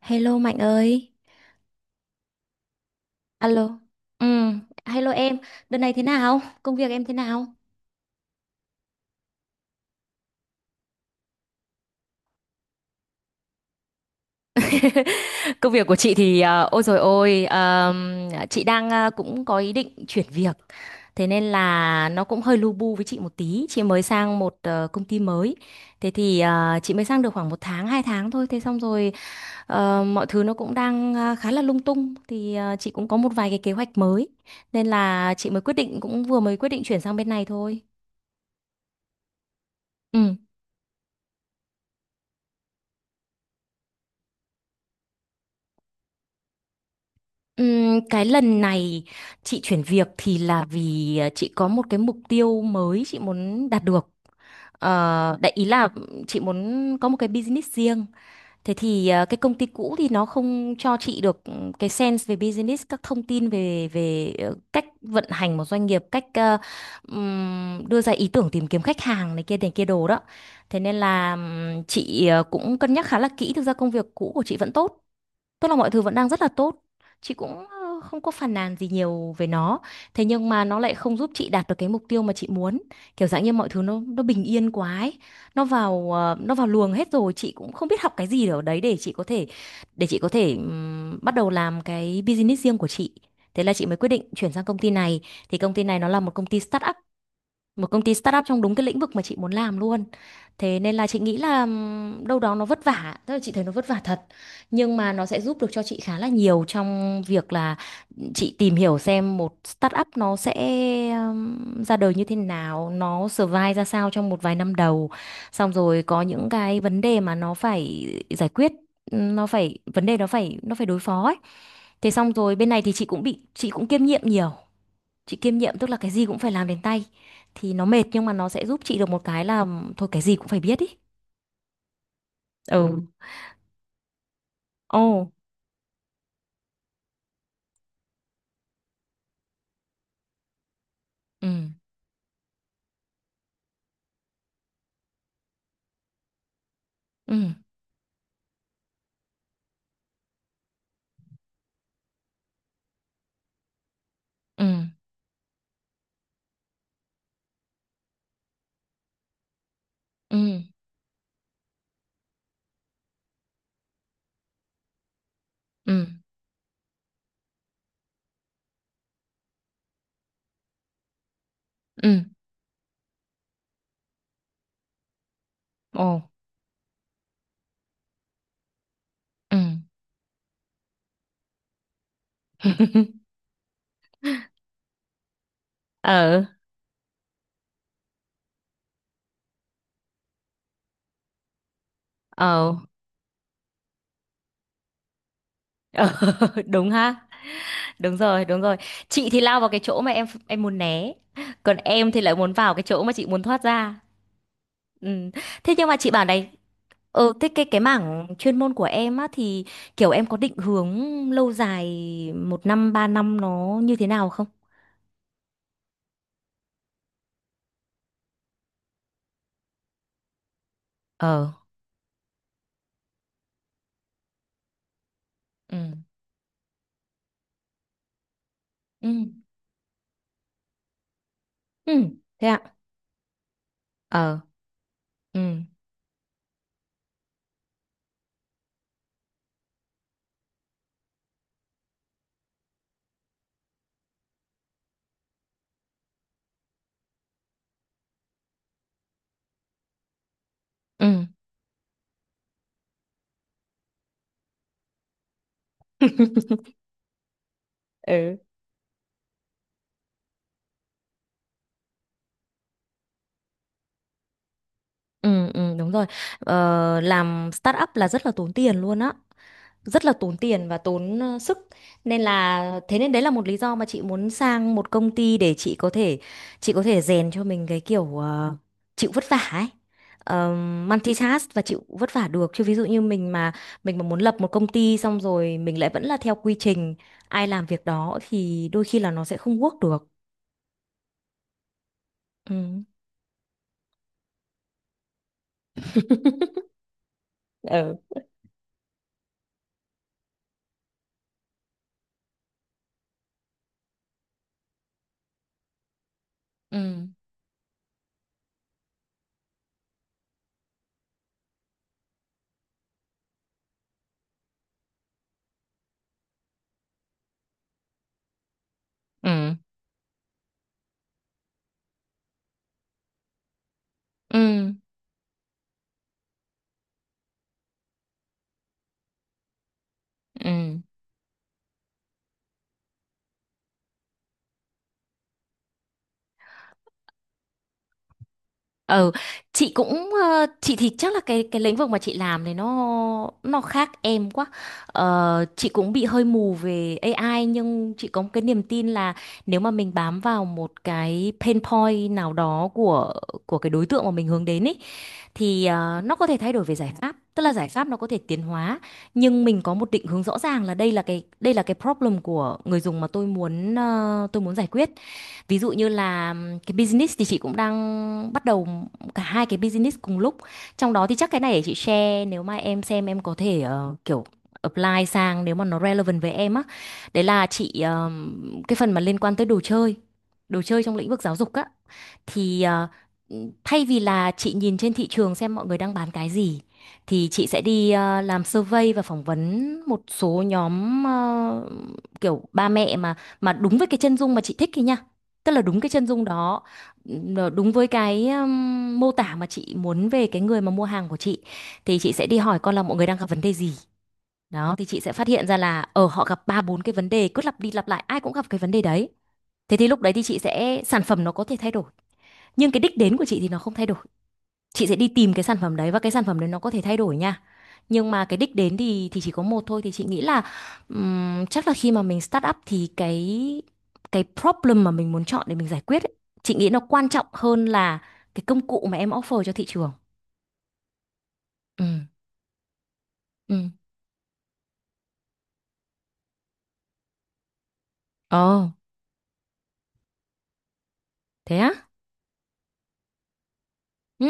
Hello Mạnh ơi. Alo. Ừ, hello em. Đợt này thế nào? Công việc em thế nào? Công việc của chị thì ôi rồi ôi chị đang cũng có ý định chuyển việc. Thế nên là nó cũng hơi lu bu với chị một tí. Chị mới sang một công ty mới. Thế thì chị mới sang được khoảng một tháng, 2 tháng thôi. Thế xong rồi mọi thứ nó cũng đang khá là lung tung. Thì chị cũng có một vài cái kế hoạch mới. Nên là chị mới quyết định cũng vừa mới quyết định chuyển sang bên này thôi. Ừ. Cái lần này chị chuyển việc thì là vì chị có một cái mục tiêu mới chị muốn đạt được. Đại ý là chị muốn có một cái business riêng. Thế thì cái công ty cũ thì nó không cho chị được cái sense về business, các thông tin về về cách vận hành một doanh nghiệp, cách đưa ra ý tưởng tìm kiếm khách hàng này kia đồ đó. Thế nên là chị cũng cân nhắc khá là kỹ. Thực ra công việc cũ của chị vẫn tốt. Tức là mọi thứ vẫn đang rất là tốt. Chị cũng không có phàn nàn gì nhiều về nó. Thế nhưng mà nó lại không giúp chị đạt được cái mục tiêu mà chị muốn. Kiểu dạng như mọi thứ nó bình yên quá ấy. Nó vào nó vào luồng hết rồi, chị cũng không biết học cái gì ở đấy để chị có thể bắt đầu làm cái business riêng của chị. Thế là chị mới quyết định chuyển sang công ty này. Thì công ty này nó là một công ty startup trong đúng cái lĩnh vực mà chị muốn làm luôn, thế nên là chị nghĩ là đâu đó nó vất vả, tức là chị thấy nó vất vả thật nhưng mà nó sẽ giúp được cho chị khá là nhiều trong việc là chị tìm hiểu xem một startup nó sẽ ra đời như thế nào, nó survive ra sao trong một vài năm đầu, xong rồi có những cái vấn đề mà nó phải giải quyết, nó phải vấn đề nó phải đối phó ấy. Thế xong rồi bên này thì chị cũng kiêm nhiệm nhiều, chị kiêm nhiệm tức là cái gì cũng phải làm đến tay thì nó mệt nhưng mà nó sẽ giúp chị được một cái là thôi cái gì cũng phải biết ý. Ừ. Ừ. Ồ. Ừ, ừ, ừ, ừ, ừ, ừ. Ồ. Ừ. Ờ, ờ, ờ. Đúng ha. Đúng rồi, đúng rồi. Chị thì lao vào cái chỗ mà em muốn né, còn em thì lại muốn vào cái chỗ mà chị muốn thoát ra. Ừ. Thế nhưng mà chị bảo này. Thế cái mảng chuyên môn của em á thì kiểu em có định hướng lâu dài một năm 3 năm nó như thế nào không? Ờ. Ừ. Ừ. Ừ, thế ạ. Ờ. Ừ. Ừ. Ừ. Ừ, ừ, đúng rồi. Làm startup là rất là tốn tiền luôn á, rất là tốn tiền và tốn sức, nên là thế nên đấy là một lý do mà chị muốn sang một công ty để chị có thể, rèn cho mình cái kiểu chịu vất vả ấy, multitask và chịu vất vả được chứ, ví dụ như mình mà muốn lập một công ty xong rồi mình lại vẫn là theo quy trình ai làm việc đó thì đôi khi là nó sẽ không work được. Ừ. Ừ, ừ, ừ, ừ, ừ. Ờ, chị cũng chị thì chắc là cái lĩnh vực mà chị làm này nó khác em quá. Chị cũng bị hơi mù về AI nhưng chị có một cái niềm tin là nếu mà mình bám vào một cái pain point nào đó của cái đối tượng mà mình hướng đến ấy thì nó có thể thay đổi về giải pháp. Tức là giải pháp nó có thể tiến hóa nhưng mình có một định hướng rõ ràng là đây là cái, problem của người dùng mà tôi muốn tôi muốn giải quyết. Ví dụ như là cái business thì chị cũng đang bắt đầu cả hai cái business cùng lúc, trong đó thì chắc cái này để chị share, nếu mà em xem em có thể kiểu apply sang nếu mà nó relevant với em á, đấy là chị cái phần mà liên quan tới đồ chơi, đồ chơi trong lĩnh vực giáo dục á, thì thay vì là chị nhìn trên thị trường xem mọi người đang bán cái gì thì chị sẽ đi làm survey và phỏng vấn một số nhóm kiểu ba mẹ, mà đúng với cái chân dung mà chị thích ấy nha, tức là đúng cái chân dung đó, nó đúng với cái mô tả mà chị muốn về cái người mà mua hàng của chị, thì chị sẽ đi hỏi con là mọi người đang gặp vấn đề gì. Đó thì chị sẽ phát hiện ra là ở họ gặp ba bốn cái vấn đề cứ lặp đi lặp lại, ai cũng gặp cái vấn đề đấy. Thế thì lúc đấy thì chị sẽ sản phẩm nó có thể thay đổi nhưng cái đích đến của chị thì nó không thay đổi, chị sẽ đi tìm cái sản phẩm đấy và cái sản phẩm đấy nó có thể thay đổi nha, nhưng mà cái đích đến thì chỉ có một thôi, thì chị nghĩ là chắc là khi mà mình start up thì cái problem mà mình muốn chọn để mình giải quyết ấy, chị nghĩ nó quan trọng hơn là cái công cụ mà em offer cho thị trường. Ừ. Ừ. Ồ, thế á. Ừ,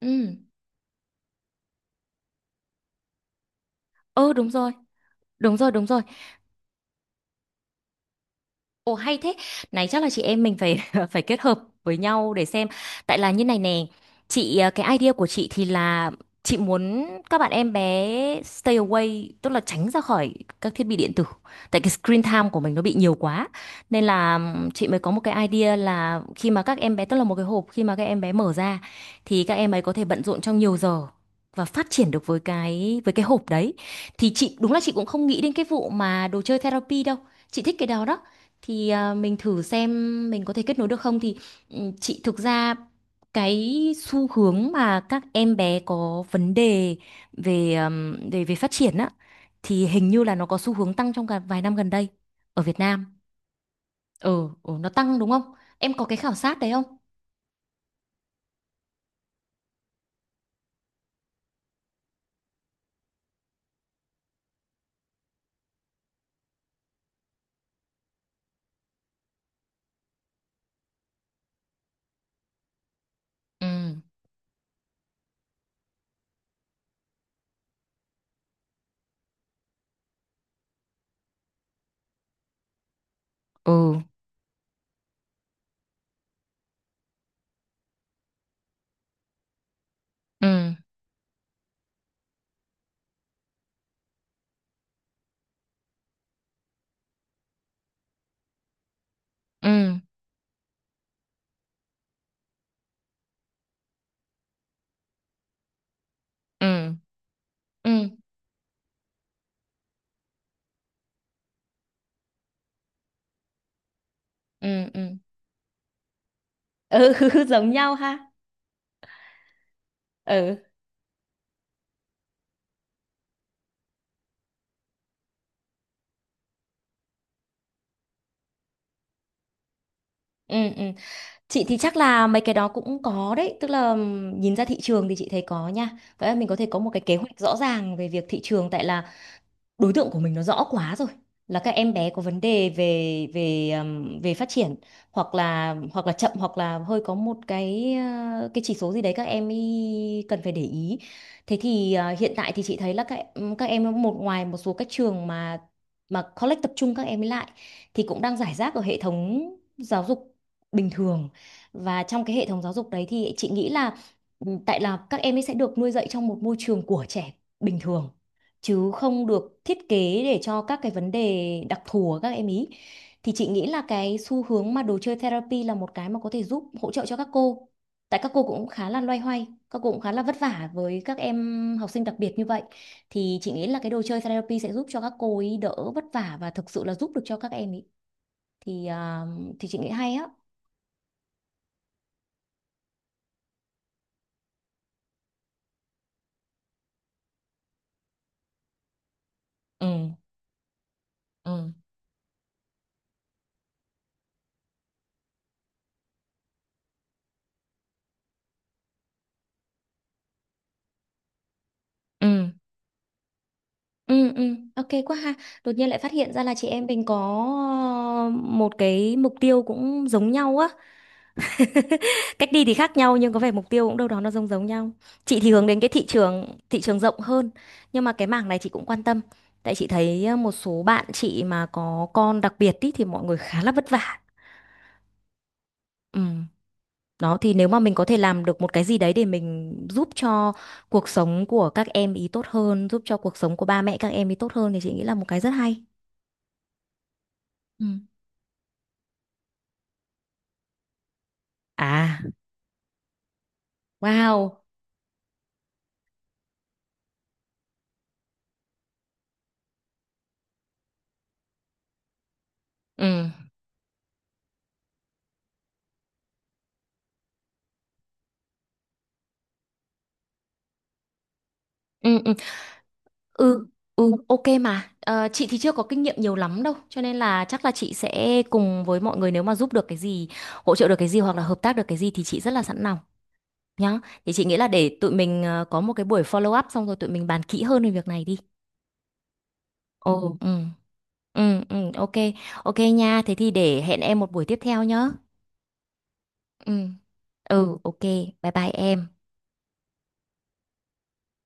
ừ, ừ. Đúng rồi, đúng rồi, đúng rồi. Ồ, hay thế. Này chắc là chị em mình phải phải kết hợp với nhau để xem. Tại là như này nè, chị cái idea của chị thì là chị muốn các bạn em bé stay away, tức là tránh ra khỏi các thiết bị điện tử. Tại cái screen time của mình nó bị nhiều quá. Nên là chị mới có một cái idea là khi mà các em bé tức là một cái hộp, khi mà các em bé mở ra thì các em ấy có thể bận rộn trong nhiều giờ, và phát triển được với cái hộp đấy, thì chị đúng là chị cũng không nghĩ đến cái vụ mà đồ chơi therapy đâu, chị thích cái đó đó, thì à, mình thử xem mình có thể kết nối được không thì ừ, chị thực ra cái xu hướng mà các em bé có vấn đề về, về về phát triển á, thì hình như là nó có xu hướng tăng trong cả vài năm gần đây ở Việt Nam. Ừ, ừ nó tăng đúng không? Em có cái khảo sát đấy không? Ừ. Ừ. Ừ. Ừ. Ừ. Ừ. Ừ. Ừ. Ừ. Giống nhau ha. Ừ. Ừ. Ừ. Chị thì chắc là mấy cái đó cũng có đấy, tức là nhìn ra thị trường thì chị thấy có nha. Vậy là mình có thể có một cái kế hoạch rõ ràng về việc thị trường, tại là đối tượng của mình nó rõ quá rồi, là các em bé có vấn đề về về về phát triển, hoặc là chậm hoặc là hơi có một cái chỉ số gì đấy các em ý cần phải để ý, thế thì hiện tại thì chị thấy là các em một ngoài một số các trường mà college tập trung các em ấy lại thì cũng đang rải rác ở hệ thống giáo dục bình thường, và trong cái hệ thống giáo dục đấy thì chị nghĩ là ừ, tại là các em ấy sẽ được nuôi dạy trong một môi trường của trẻ bình thường, chứ không được thiết kế để cho các cái vấn đề đặc thù của các em ý, thì chị nghĩ là cái xu hướng mà đồ chơi therapy là một cái mà có thể giúp hỗ trợ cho các cô, tại các cô cũng khá là loay hoay, các cô cũng khá là vất vả với các em học sinh đặc biệt như vậy, thì chị nghĩ là cái đồ chơi therapy sẽ giúp cho các cô ấy đỡ vất vả và thực sự là giúp được cho các em ý, thì à, chị nghĩ hay á. Ừ. Ừ. Ừ. Ừ. Ừ, ok quá ha. Đột nhiên lại phát hiện ra là chị em mình có ờ, một cái mục tiêu cũng giống nhau á, cách đi thì khác nhau nhưng có vẻ mục tiêu cũng đâu đó nó giống giống nhau, chị thì hướng đến cái thị trường rộng hơn, nhưng mà cái mảng này chị cũng quan tâm, tại chị thấy một số bạn chị mà có con đặc biệt ý, thì mọi người khá là vất vả. Ừ. Đó thì nếu mà mình có thể làm được một cái gì đấy để mình giúp cho cuộc sống của các em ý tốt hơn, giúp cho cuộc sống của ba mẹ các em ý tốt hơn thì chị nghĩ là một cái rất hay. Ừ. À. Wow. Ừ. Ừ, ừ. Ừ, ừ, ok mà. Ờ, chị thì chưa có kinh nghiệm nhiều lắm đâu, cho nên là chắc là chị sẽ cùng với mọi người nếu mà giúp được cái gì, hỗ trợ được cái gì hoặc là hợp tác được cái gì thì chị rất là sẵn lòng nhá. Thì chị nghĩ là để tụi mình có một cái buổi follow up xong rồi tụi mình bàn kỹ hơn về việc này đi. Ồ, ừ, ừ, ừ, ok, ok nha. Thế thì để hẹn em một buổi tiếp theo nhá. Ừ, ừ, ok, bye bye em.